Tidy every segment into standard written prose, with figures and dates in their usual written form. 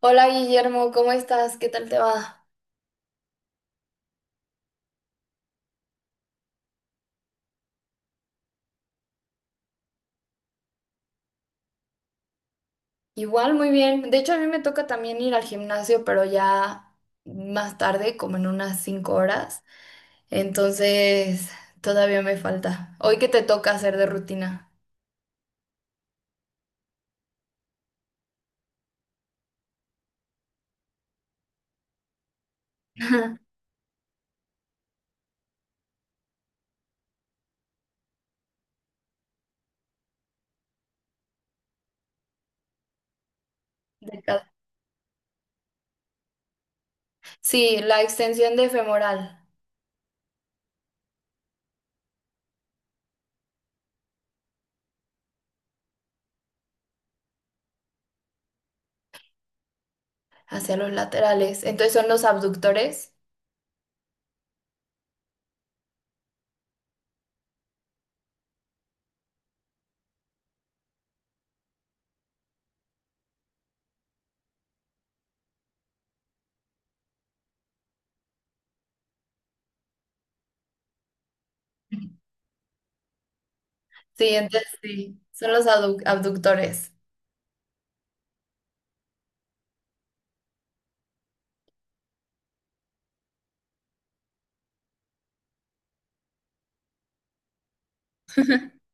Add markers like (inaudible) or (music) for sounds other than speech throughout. Hola Guillermo, ¿cómo estás? ¿Qué tal te va? Igual, muy bien. De hecho, a mí me toca también ir al gimnasio, pero ya más tarde, como en unas 5 horas. Entonces, todavía me falta. ¿Hoy qué te toca hacer de rutina? (laughs) De cada- Sí, la extensión de femoral hacia los laterales. Entonces, son los abductores. Sí, entonces sí, son los abductores. (laughs)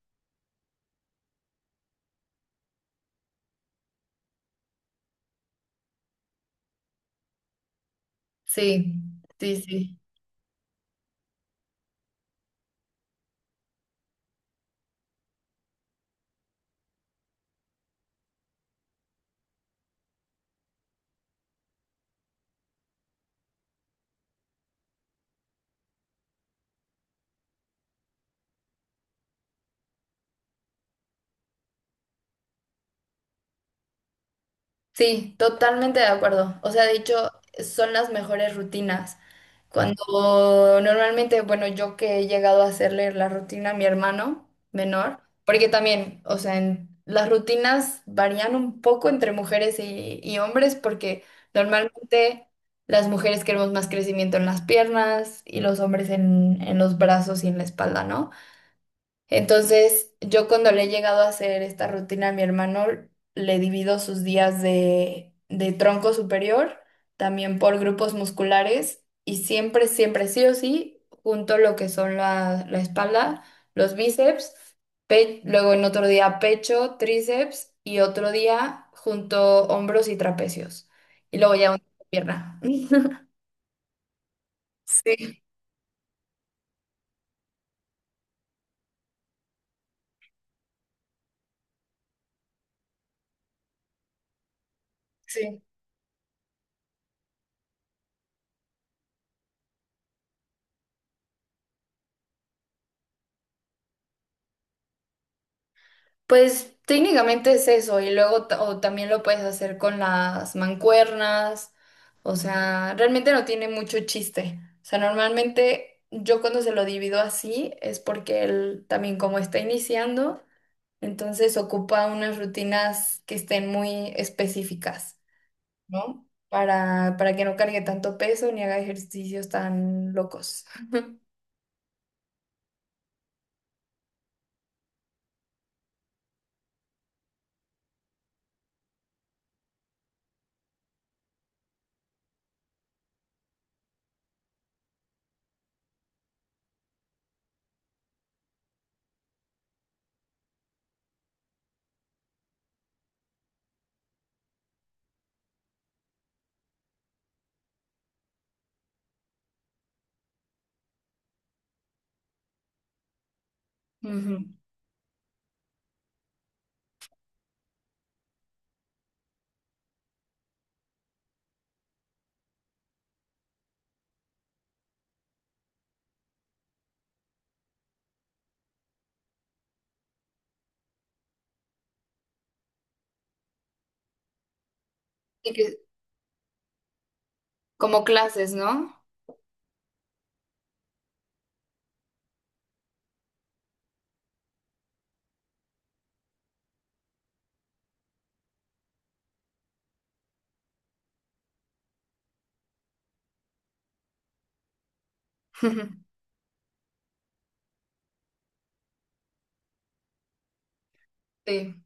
Sí, sí, sí. Sí, totalmente de acuerdo. O sea, de hecho, son las mejores rutinas. Cuando normalmente, bueno, yo que he llegado a hacerle la rutina a mi hermano menor, porque también, o sea, las rutinas varían un poco entre mujeres y hombres, porque normalmente las mujeres queremos más crecimiento en las piernas y los hombres en los brazos y en la espalda, ¿no? Entonces, yo cuando le he llegado a hacer esta rutina a mi hermano, le divido sus días de tronco superior, también por grupos musculares, y siempre, siempre, sí o sí, junto lo que son la espalda, los bíceps, luego en otro día pecho, tríceps, y otro día junto hombros y trapecios. Y luego ya una pierna. (laughs) Sí, sí. Pues técnicamente es eso, y luego o también lo puedes hacer con las mancuernas, o sea, realmente no tiene mucho chiste. O sea, normalmente yo cuando se lo divido así es porque él también como está iniciando, entonces ocupa unas rutinas que estén muy específicas, ¿no? Para que no cargue tanto peso ni haga ejercicios tan locos. (laughs) Ujú. Y que- Como clases, ¿no? (laughs) Sí.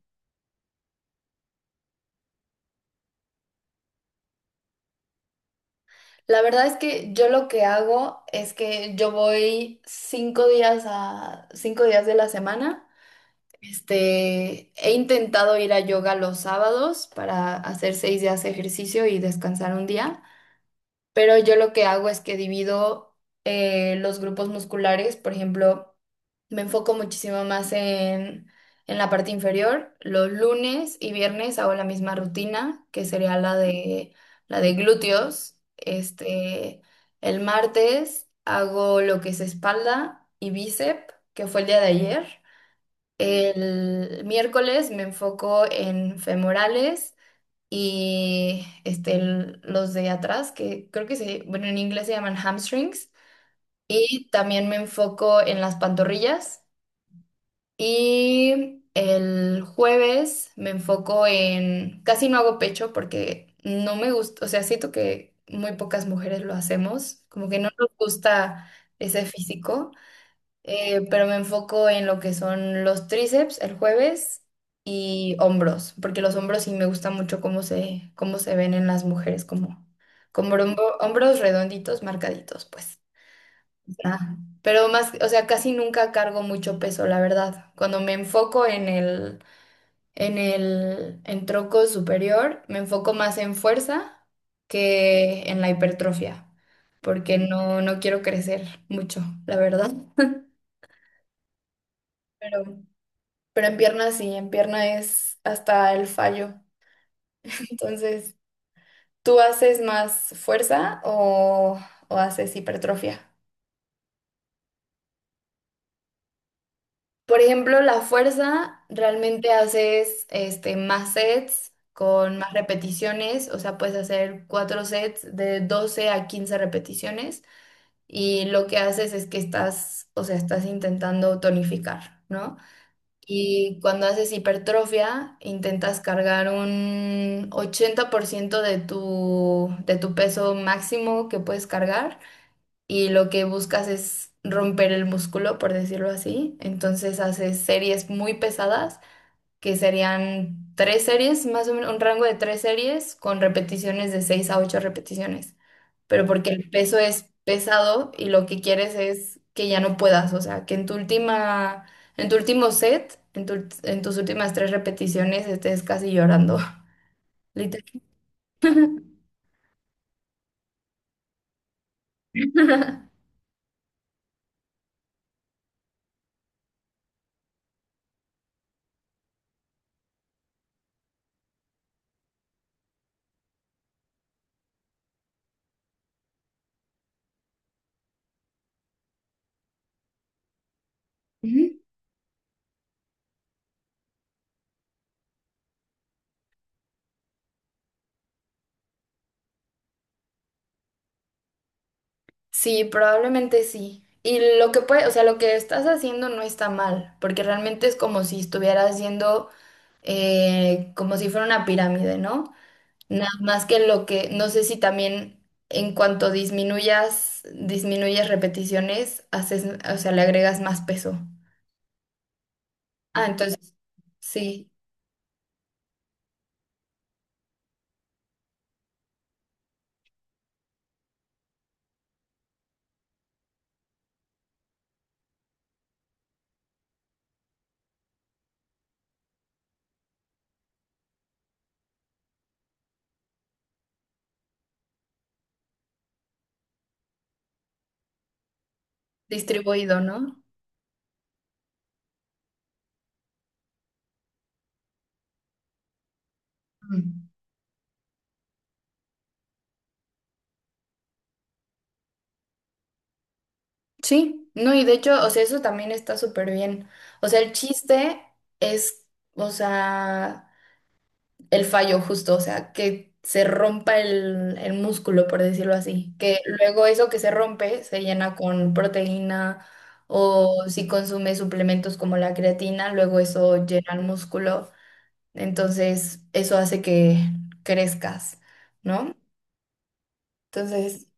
La verdad es que yo lo que hago es que yo voy 5 días a 5 días de la semana. Este, he intentado ir a yoga los sábados para hacer 6 días de ejercicio y descansar un día. Pero yo lo que hago es que divido los grupos musculares, por ejemplo, me enfoco muchísimo más en la parte inferior. Los lunes y viernes hago la misma rutina, que sería la de glúteos. Este, el martes hago lo que es espalda y bíceps, que fue el día de ayer. El miércoles me enfoco en femorales y este, los de atrás, que creo que se, bueno, en inglés se llaman hamstrings, y también me enfoco en las pantorrillas, y el jueves me enfoco en, casi no hago pecho porque no me gusta, o sea, siento que muy pocas mujeres lo hacemos, como que no nos gusta ese físico pero me enfoco en lo que son los tríceps el jueves y hombros, porque los hombros sí me gusta mucho cómo se ven en las mujeres, como, como hombros redonditos, marcaditos, pues. Ajá. Pero más, o sea, casi nunca cargo mucho peso, la verdad. Cuando me enfoco en tronco superior, me enfoco más en fuerza que en la hipertrofia, porque no quiero crecer mucho, la verdad. (laughs) Pero Pero en pierna sí, en pierna es hasta el fallo. Entonces, ¿tú haces más fuerza o haces hipertrofia? Por ejemplo, la fuerza realmente haces este, más sets con más repeticiones, o sea, puedes hacer cuatro sets de 12 a 15 repeticiones y lo que haces es que estás, o sea, estás intentando tonificar, ¿no? Y cuando haces hipertrofia, intentas cargar un 80% de tu peso máximo que puedes cargar y lo que buscas es romper el músculo, por decirlo así. Entonces haces series muy pesadas, que serían tres series, más o menos un rango de tres series con repeticiones de 6 a 8 repeticiones pero porque el peso es pesado y lo que quieres es que ya no puedas, o sea, que en tu último set, en tus últimas tres repeticiones estés casi llorando, (laughs) literal. (laughs) Ujú. Sí, probablemente sí. Y lo que puede, o sea, lo que estás haciendo no está mal, porque realmente es como si estuvieras yendo como si fuera una pirámide, ¿no? Nada más que lo que, no sé si también en cuanto disminuyas, disminuyes repeticiones, haces, o sea, le agregas más peso. Ah, entonces, sí, distribuido, ¿no? Mm. Sí, no, y de hecho, o sea, eso también está súper bien. O sea, el chiste es, o sea, el fallo justo, o sea, que se rompa el músculo, por decirlo así, que luego eso que se rompe se llena con proteína o si consume suplementos como la creatina, luego eso llena el músculo, entonces eso hace que crezcas, ¿no? Entonces,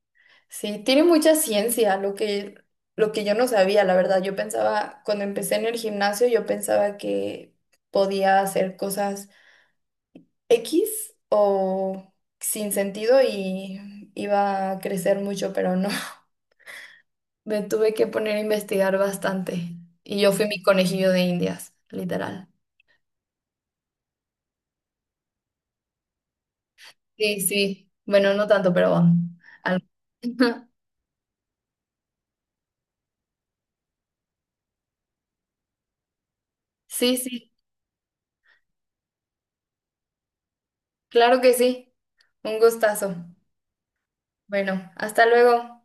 sí, tiene mucha ciencia lo que yo no sabía, la verdad, yo pensaba, cuando empecé en el gimnasio, yo pensaba que podía hacer cosas X o sin sentido y iba a crecer mucho, pero no. (laughs) Me tuve que poner a investigar bastante y yo fui mi conejillo de Indias, literal. Sí, sí. Bueno, no tanto, pero algo. (laughs) Sí, sí, claro que sí. Un gustazo. Bueno, hasta luego.